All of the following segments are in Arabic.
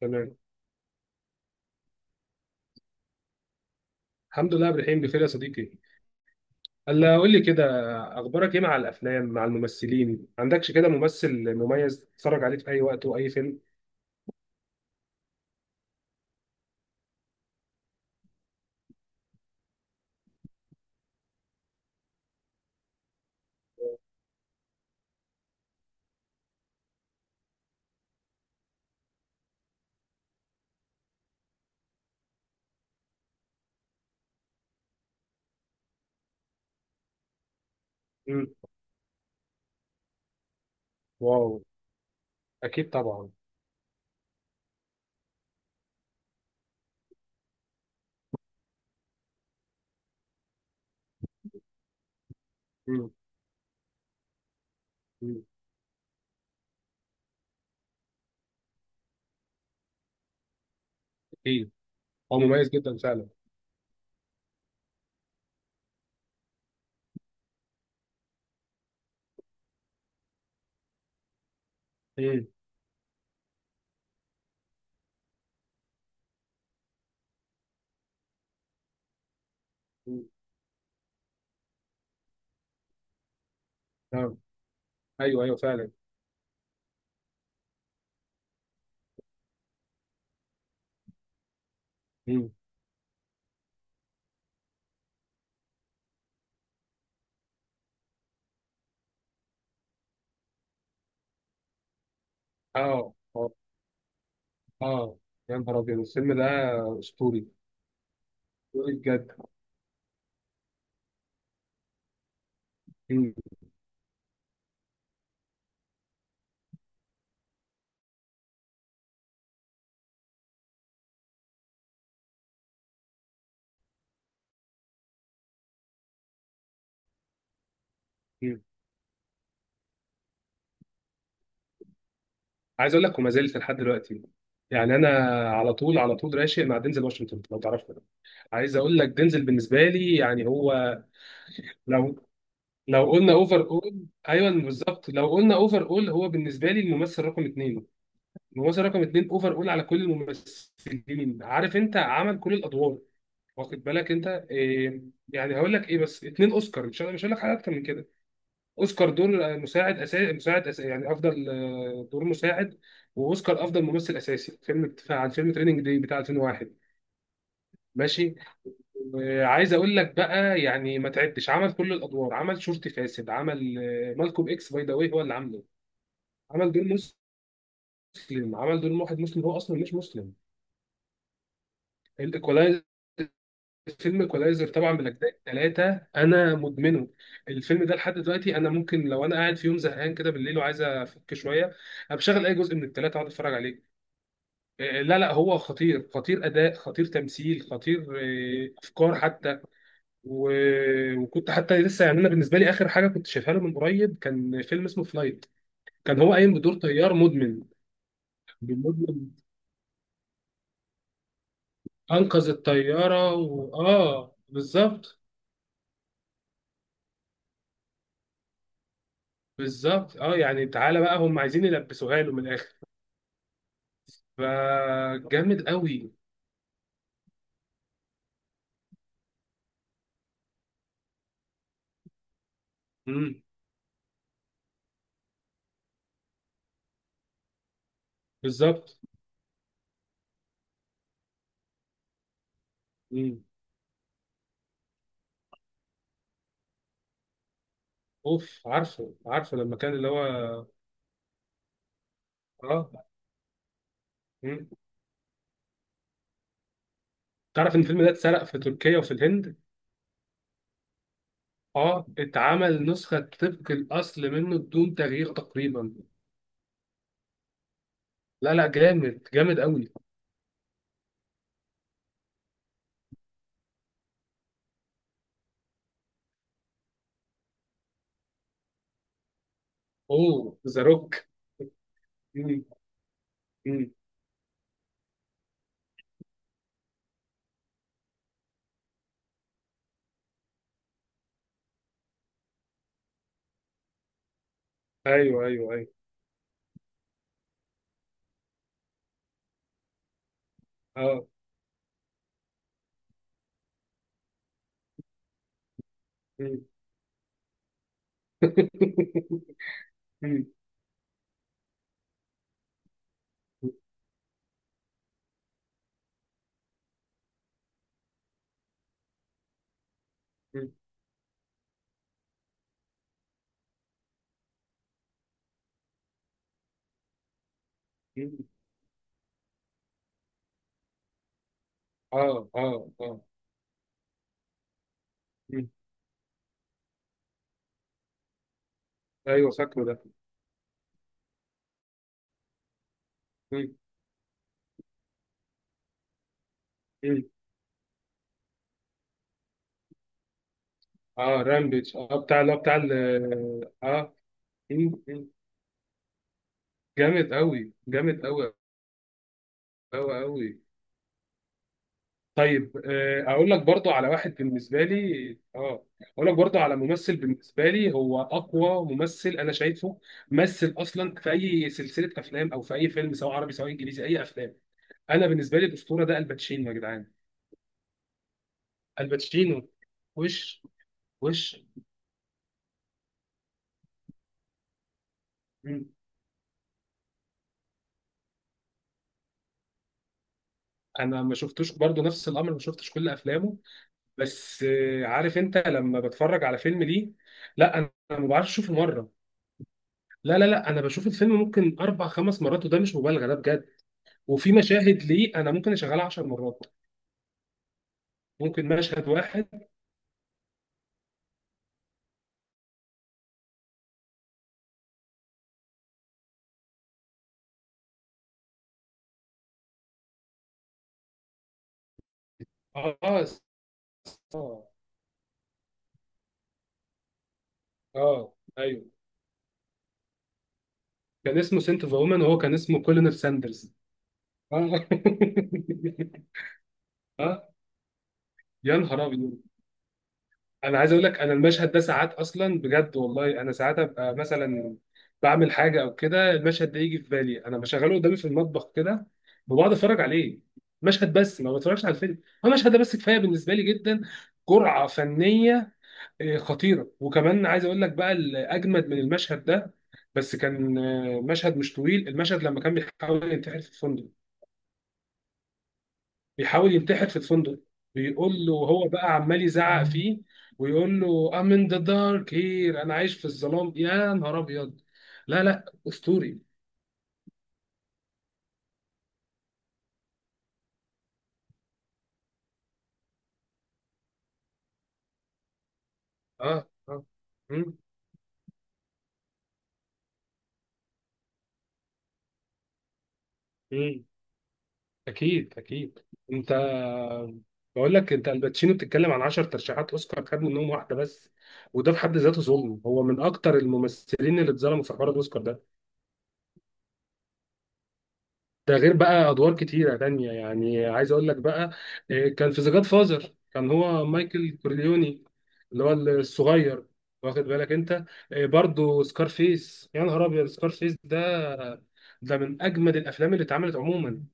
تمام. الحمد لله، عبد الرحيم بخير يا صديقي. هلا قول لي كده، اخبارك ايه مع الافلام؟ مع الممثلين عندكش كده ممثل مميز تتفرج عليه في اي وقت واي فيلم؟ امم. واو. اكيد طبعا. امم. أمم. اكيد. هو مميز جدا فعلا. امم. أمم. نعم. ايوه، ايوه فعلا. امم. اه، اه، اه، يا نهار ابيض الفيلم ده اسطوري. اسطوري بجد. أمم. أمم. عايز اقول لك وما زلت لحد دلوقتي، يعني انا على طول على طول راشق مع دينزل واشنطن، لو تعرفه. عايز اقول لك دينزل بالنسبه لي يعني هو... لو لو قلنا اوفر اول، ايوه بالظبط، لو قلنا اوفر اول هو بالنسبه لي الممثل رقم اثنين. الممثل رقم اثنين اوفر اول على كل الممثلين، عارف انت؟ عمل كل الادوار، واخد بالك انت إيه؟ يعني هقول لك ايه؟ بس اثنين اوسكار، مش هقول لك حاجه اكتر من كده. اوسكار دور مساعد اساسي، مساعد أساسي، يعني افضل دور مساعد. واوسكار افضل ممثل اساسي فيلم، عن فيلم تريننج دي بتاع 2001. ماشي. وعايز اقول لك بقى يعني ما تعدش، عمل كل الادوار، عمل شرطي فاسد، عمل مالكوم اكس، باي ذا واي هو اللي عامله. عمل دور مسلم، عمل دور واحد مسلم، هو اصلا مش مسلم. الايكولايزر، فيلم ايكولايزر طبعا من اجزاء ثلاثه، انا مدمنه الفيلم ده لحد دلوقتي. انا ممكن لو انا قاعد في يوم زهقان كده بالليل وعايز افك شويه، بشغل اي جزء من الثلاثه اقعد اتفرج عليه. لا لا، هو خطير، خطير اداء، خطير تمثيل، خطير افكار حتى. و... وكنت حتى لسه، يعني انا بالنسبه لي اخر حاجه كنت شايفها له من قريب كان فيلم اسمه فلايت. كان هو قايم بدور طيار مدمن. مدمن، انقذ الطياره، اه بالظبط. بالظبط، اه يعني تعالى بقى هم عايزين يلبسوها له من الاخر. فجامد قوي. امم. بالظبط. امم. اوف، عارفه، عارفه لما كان اللي هو... اه. مم. تعرف ان الفيلم ده اتسرق في تركيا وفي الهند. اه، اتعمل نسخة طبق الأصل منه بدون تغيير تقريبا. لا لا، جامد، جامد قوي. اوه، ذا روك. مم. مم. ايوه، ايوه، ايوه. اه. مم. مم. مم. مم. اه، اه، اه. مم. ايوه، فاكره ده. مم. مم. اه، رامبيج، اه بتاع اللي هو بتاع ال... اه مم. مم. جامد قوي، جامد قوي، قوي، قوي. طيب، اقول لك برضو على واحد بالنسبه لي. اه اقول لك برضو على ممثل بالنسبه لي هو اقوى ممثل انا شايفه. مثل اصلا في اي سلسله افلام او في اي فيلم، سواء عربي سواء انجليزي، اي افلام. انا بالنسبه لي الاسطوره ده الباتشينو يا جدعان. الباتشينو. وش، وش. مم. انا ما شفتوش برضو نفس الامر، ما شفتش كل افلامه. بس عارف انت، لما بتفرج على فيلم ليه... لا، انا ما بعرفش اشوفه مره. لا، لا، لا، انا بشوف الفيلم ممكن اربع خمس مرات، وده مش مبالغه، ده بجد. وفي مشاهد ليه انا ممكن اشغلها 10 مرات، ممكن مشهد واحد. اه، اه، اه. ايوه، كان اسمه سنت اوف وومن وهو كان اسمه كولينر ساندرز. اه. اه، يا نهار ابيض. انا عايز اقول لك، انا المشهد ده ساعات اصلا بجد والله، انا ساعات ابقى مثلا بعمل حاجه او كده، المشهد ده يجي في بالي انا بشغله قدامي في المطبخ كده وبقعد اتفرج عليه. مشهد بس، ما بتفرجش على الفيلم. هو المشهد ده بس كفايه بالنسبه لي جدا. جرعه فنيه إيه، خطيره. وكمان عايز اقول لك بقى الاجمد من المشهد ده. بس كان مشهد مش طويل، المشهد لما كان بيحاول ينتحر في الفندق. بيحاول ينتحر في الفندق، بيقول له هو بقى عمال يزعق فيه ويقول له I'm in the dark here، انا عايش في الظلام، يا نهار ابيض. لا لا، اسطوري. اه، اه. مم. مم. اكيد، اكيد. انت، بقول لك انت الباتشينو بتتكلم عن 10 ترشيحات اوسكار، خد منهم واحده بس. وده في حد ذاته ظلم، هو من اكتر الممثلين اللي اتظلموا في حوار الاوسكار ده. ده غير بقى ادوار كتيره تانية، يعني عايز اقول لك بقى، إيه، كان في ذا جاد فازر، كان هو مايكل كورليوني. اللي هو الصغير، واخد بالك انت. إيه، برضو سكارفيس، يا نهار ابيض سكارفيس ده. ده من اجمد الافلام اللي اتعملت عموما.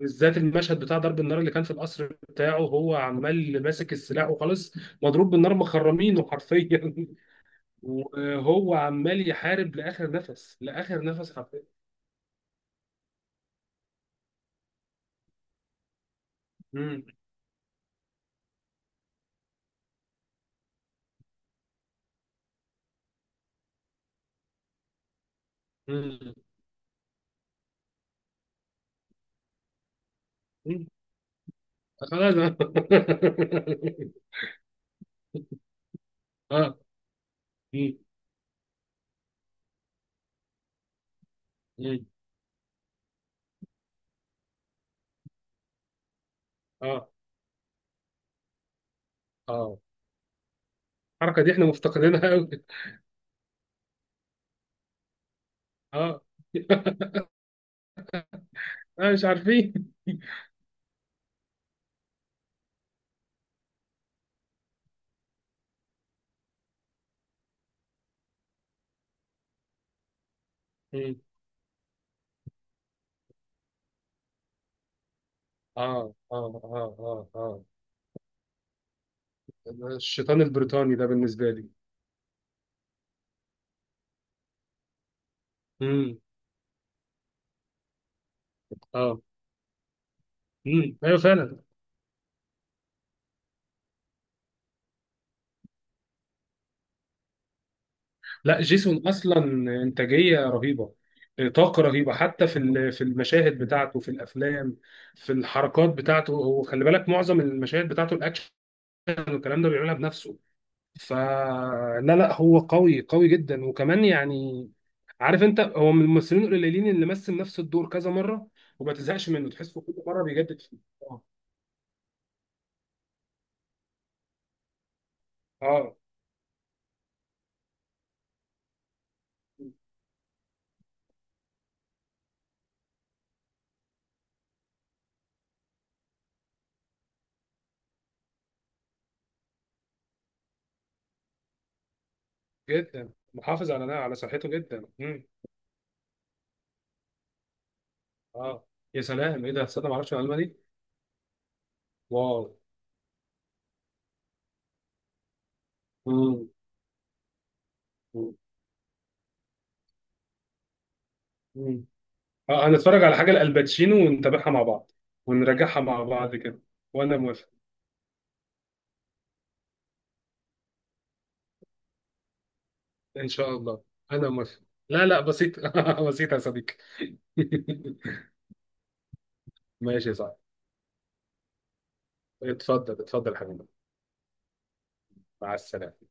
بالذات المشهد بتاع ضرب النار اللي كان في القصر بتاعه، هو عمال ماسك السلاح وخلاص. مضروب بالنار، مخرمينه حرفيا. وهو عمال يحارب لاخر نفس، لاخر نفس حرفيا. مم. مم. مم. خلاص. اه. مم. مم. اه، اه. الحركه دي احنا مفتقدينها قوي. اه. مش عارفين. مم. اه، اه، اه، اه، اه. الشيطان البريطاني ده بالنسبه لي. مم. اه. مم. ايوه فعلا. لا، جيسون اصلا انتاجيه رهيبه، طاقه رهيبه، حتى في المشاهد بتاعته في الافلام، في الحركات بتاعته. هو خلي بالك معظم المشاهد بتاعته الاكشن والكلام ده بيعملها بنفسه. فلا لا لا، هو قوي، قوي جدا، وكمان يعني عارف انت، هو من الممثلين القليلين اللي مثل نفس الدور كذا مره وما تزهقش منه، تحسه كل مره بيجدد فيه. اه. آه، جدا محافظ على صحته جدا. مم. اه، يا سلام، ايه ده، تصدق ما اعرفش المعلومه دي. واو. مم. مم. اه، انا اتفرج على حاجه لالباتشينو ونتابعها مع بعض، ونراجعها مع بعض كده. وانا موافق. ان شاء الله. انا موافق. لا لا بسيط، بسيط يا صديقي. ماشي يا صاحبي. اتفضل، اتفضل يا حبيبي. مع السلامه.